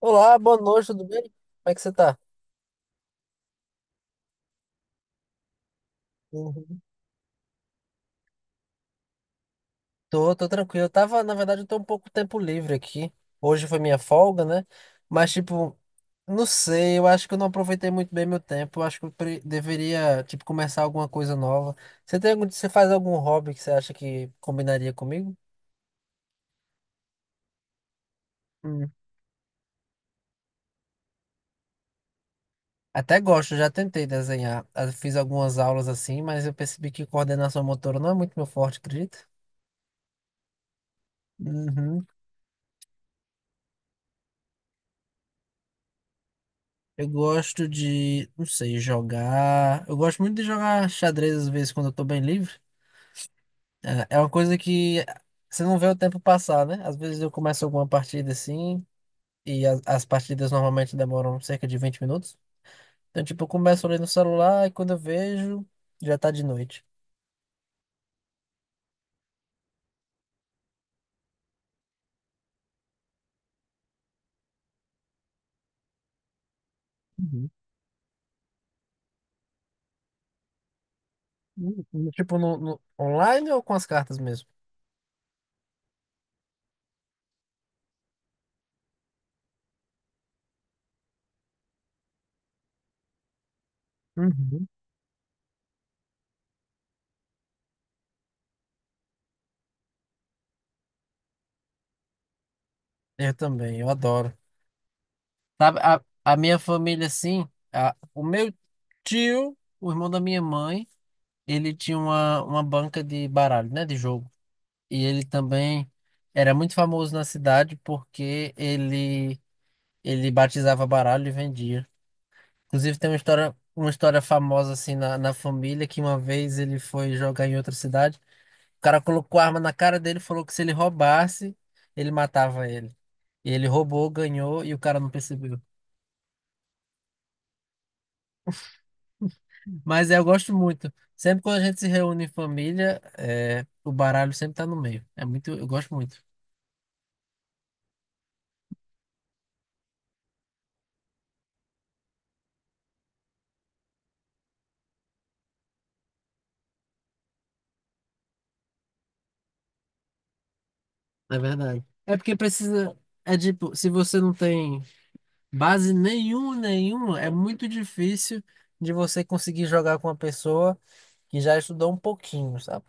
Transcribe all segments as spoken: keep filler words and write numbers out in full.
Olá, boa noite, tudo bem? Como é que você tá? Uhum. Tô, tô tranquilo. Eu tava, na verdade, eu tô um pouco tempo livre aqui. Hoje foi minha folga, né? Mas, tipo, não sei, eu acho que eu não aproveitei muito bem meu tempo. Eu acho que eu pre- deveria, tipo, começar alguma coisa nova. Você tem algum, você faz algum hobby que você acha que combinaria comigo? Hum. Até gosto, já tentei desenhar. Ah, fiz algumas aulas assim, mas eu percebi que coordenação motora não é muito meu forte, acredito. Eu gosto de, não sei, jogar. Eu gosto muito de jogar xadrez às vezes quando eu tô bem livre. É é uma coisa que você não vê o tempo passar, né? Às vezes eu começo alguma partida assim, e as, as partidas normalmente demoram cerca de vinte minutos. Então, tipo, eu começo ali no celular e quando eu vejo, já tá de noite. Uhum. Hum, hum. Tipo, no, no- online ou com as cartas mesmo? Uhum. Eu também, eu adoro. Sabe, a, a minha família, assim, a, o meu tio, o irmão da minha mãe, ele tinha uma, uma banca de baralho, né, de jogo. E ele também era muito famoso na cidade porque ele ele batizava baralho e vendia. Inclusive tem uma história uma história famosa assim na, na família, que uma vez ele foi jogar em outra cidade, o cara colocou a arma na cara dele e falou que, se ele roubasse, ele matava ele. E ele roubou, ganhou e o cara não percebeu. Mas é, eu gosto muito. Sempre quando a gente se reúne em família, é, o baralho sempre tá no meio. É muito, eu gosto muito. É verdade. É porque precisa. É tipo, se você não tem base nenhuma, nenhuma, é muito difícil de você conseguir jogar com uma pessoa que já estudou um pouquinho, sabe?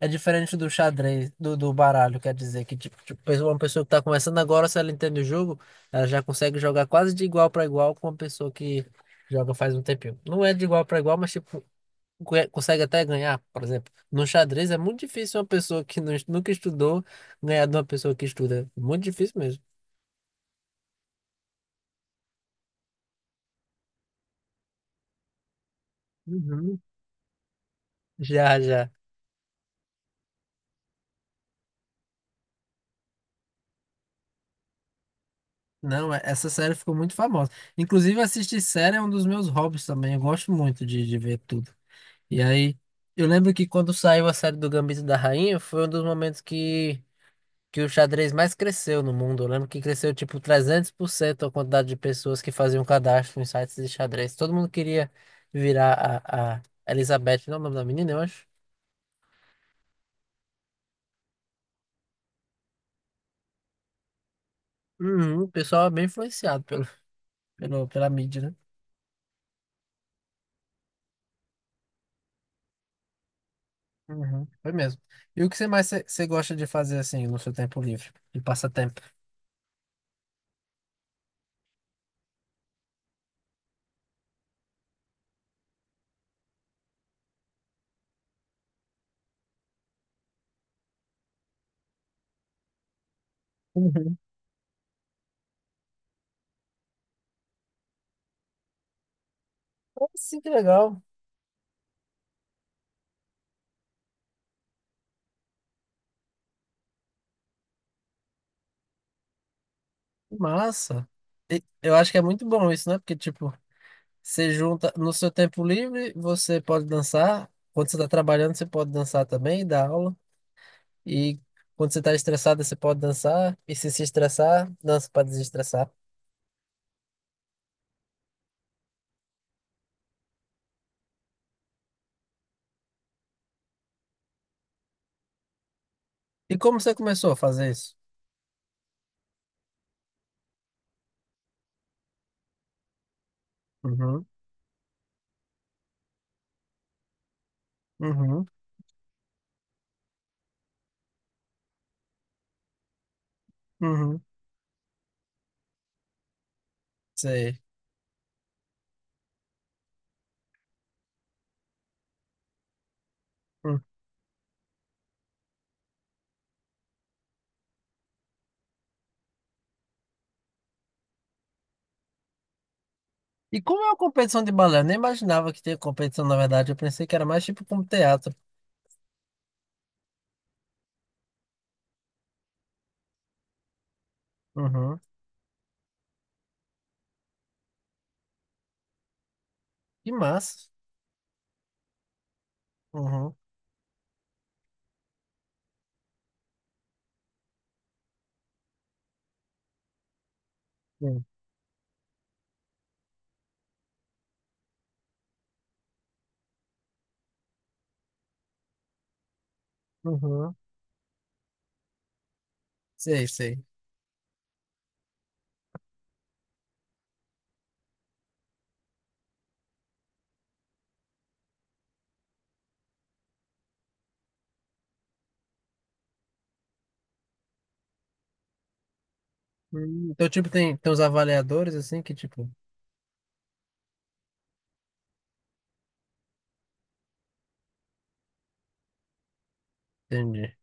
É diferente do xadrez, do, do baralho, quer dizer, que tipo, tipo, pessoa- uma pessoa que tá começando agora, se ela entende o jogo, ela já consegue jogar quase de igual para igual com uma pessoa que joga faz um tempinho. Não é de igual para igual, mas tipo, conhe- consegue até ganhar, por exemplo. No xadrez é muito difícil uma pessoa que não, nunca estudou ganhar de uma pessoa que estuda. Muito difícil mesmo. Uhum. Já, já. Não, é- essa série ficou muito famosa. Inclusive, assistir série é um dos meus hobbies também. Eu gosto muito de, de ver tudo. E aí, eu lembro que quando saiu a série do Gambito da Rainha, foi um dos momentos que que o xadrez mais cresceu no mundo. Eu lembro que cresceu tipo trezentos por cento a quantidade de pessoas que faziam cadastro em sites de xadrez. Todo mundo queria virar a, a Elizabeth, não é o nome da menina, eu acho. Uhum, o pessoal é bem influenciado pelo, pelo, pela mídia, né? Uhum, foi mesmo. E o que você mais você gosta de fazer assim no seu tempo livre, de passatempo? Uhum. Ah, sim, que legal. Que massa. E eu acho que é muito bom isso, né? Porque, tipo, você junta no seu tempo livre, você pode dançar. Quando você está trabalhando, você pode dançar também, dar aula. E quando você está estressado, você pode dançar. E se se estressar, dança para desestressar. E como você começou a fazer isso? Uhum, uhum, uhum, sei. Hum. E como é uma competição de balé? Eu nem imaginava que tinha competição, na verdade. Eu pensei que era mais tipo como teatro. Uhum, que massa. Uhum, sim, uhum, sei, sei. Hum, Então, tipo, tem, tem os avaliadores, assim, que tipo... Entendi.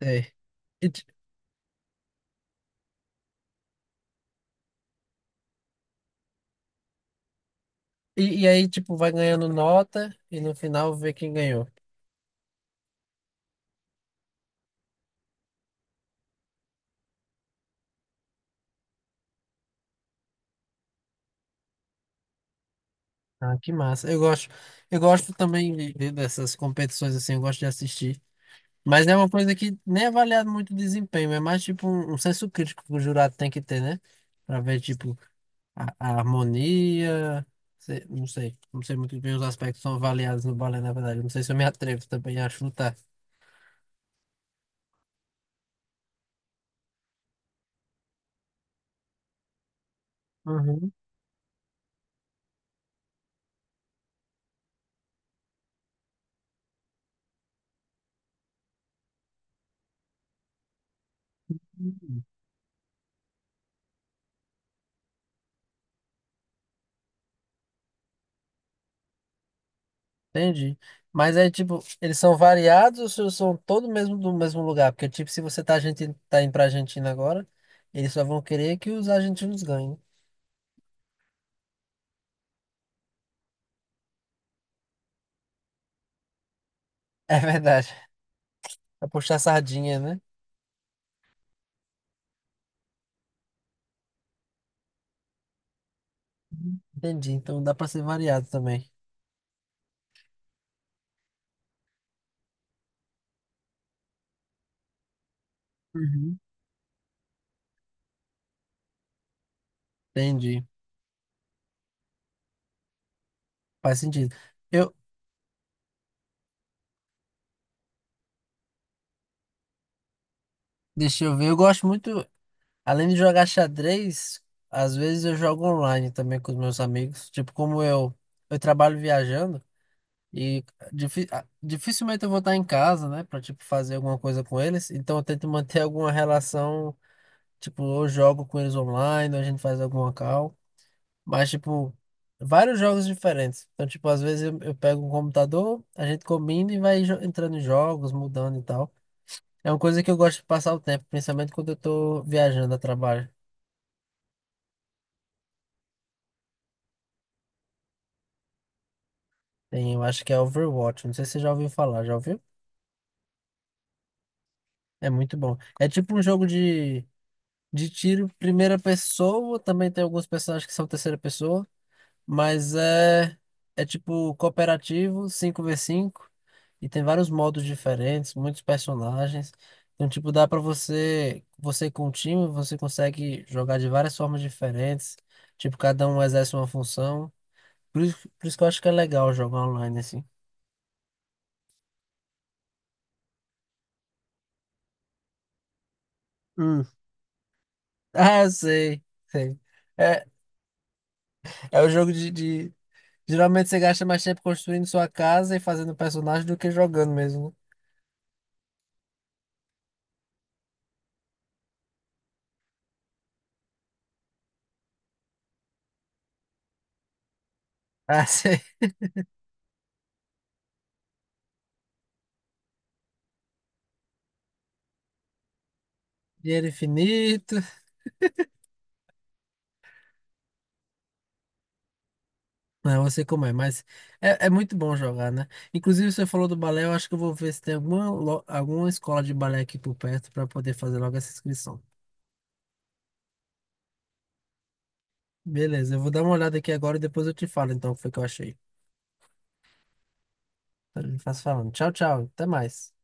É. E, ti- e, e aí, tipo, vai ganhando nota e no final vê quem ganhou. Ah, que massa. Eu gosto, eu gosto também de- de- dessas competições assim, eu gosto de assistir. Mas é uma coisa que nem é avaliado muito o desempenho, é mais tipo um, um senso crítico que o jurado tem que ter, né? Pra ver, tipo, a, a harmonia. Se- não sei, não sei muito bem os aspectos que são avaliados no balé, na verdade. Não sei se eu me atrevo também a chutar. Uhum. Entendi. Mas é tipo, eles são variados ou são todos mesmo do mesmo lugar? Porque, tipo, se você tá, argentino, tá indo pra Argentina agora, eles só vão querer que os argentinos ganhem. É verdade. Pra puxar sardinha, né? Uhum. Entendi. Então dá pra ser variado também. Uhum. Entendi. Faz sentido. Eu, deixa eu ver, eu gosto muito, além de jogar xadrez, às vezes eu jogo online também com os meus amigos. Tipo, como eu, eu trabalho viajando. E difi- ah, dificilmente eu vou estar em casa, né, pra tipo fazer alguma coisa com eles. Então eu tento manter alguma relação, tipo, eu jogo com eles online, ou a gente faz alguma call, mas tipo vários jogos diferentes. Então tipo às vezes eu, eu pego um computador, a gente combina e vai jo- entrando em jogos, mudando e tal. É uma coisa que eu gosto de passar o tempo, principalmente quando eu tô viajando a trabalho. Tem, eu acho que é Overwatch, não sei se você já ouviu falar, já ouviu? É muito bom. É tipo um jogo de tiro, primeira pessoa, também tem alguns personagens que são terceira pessoa, mas é, é tipo cooperativo, cinco v cinco, e tem vários modos diferentes, muitos personagens. Então, tipo, dá pra você, você com o time, você consegue jogar de várias formas diferentes, tipo, cada um exerce uma função. Por isso, por isso que eu acho que é legal jogar online assim. Hum. Ah, eu sei, sei. É, é o jogo de, de, geralmente você gasta mais tempo construindo sua casa e fazendo personagem do que jogando mesmo, né? Ah, sim. Dinheiro infinito. Não, eu sei como é, mas é, é muito bom jogar, né? Inclusive, você falou do balé, eu acho que eu vou ver se tem alguma, lo- alguma escola de balé aqui por perto para poder fazer logo essa inscrição. Beleza, eu vou dar uma olhada aqui agora e depois eu te falo então o que foi que eu achei. Eu faço falando. Tchau, tchau. Até mais.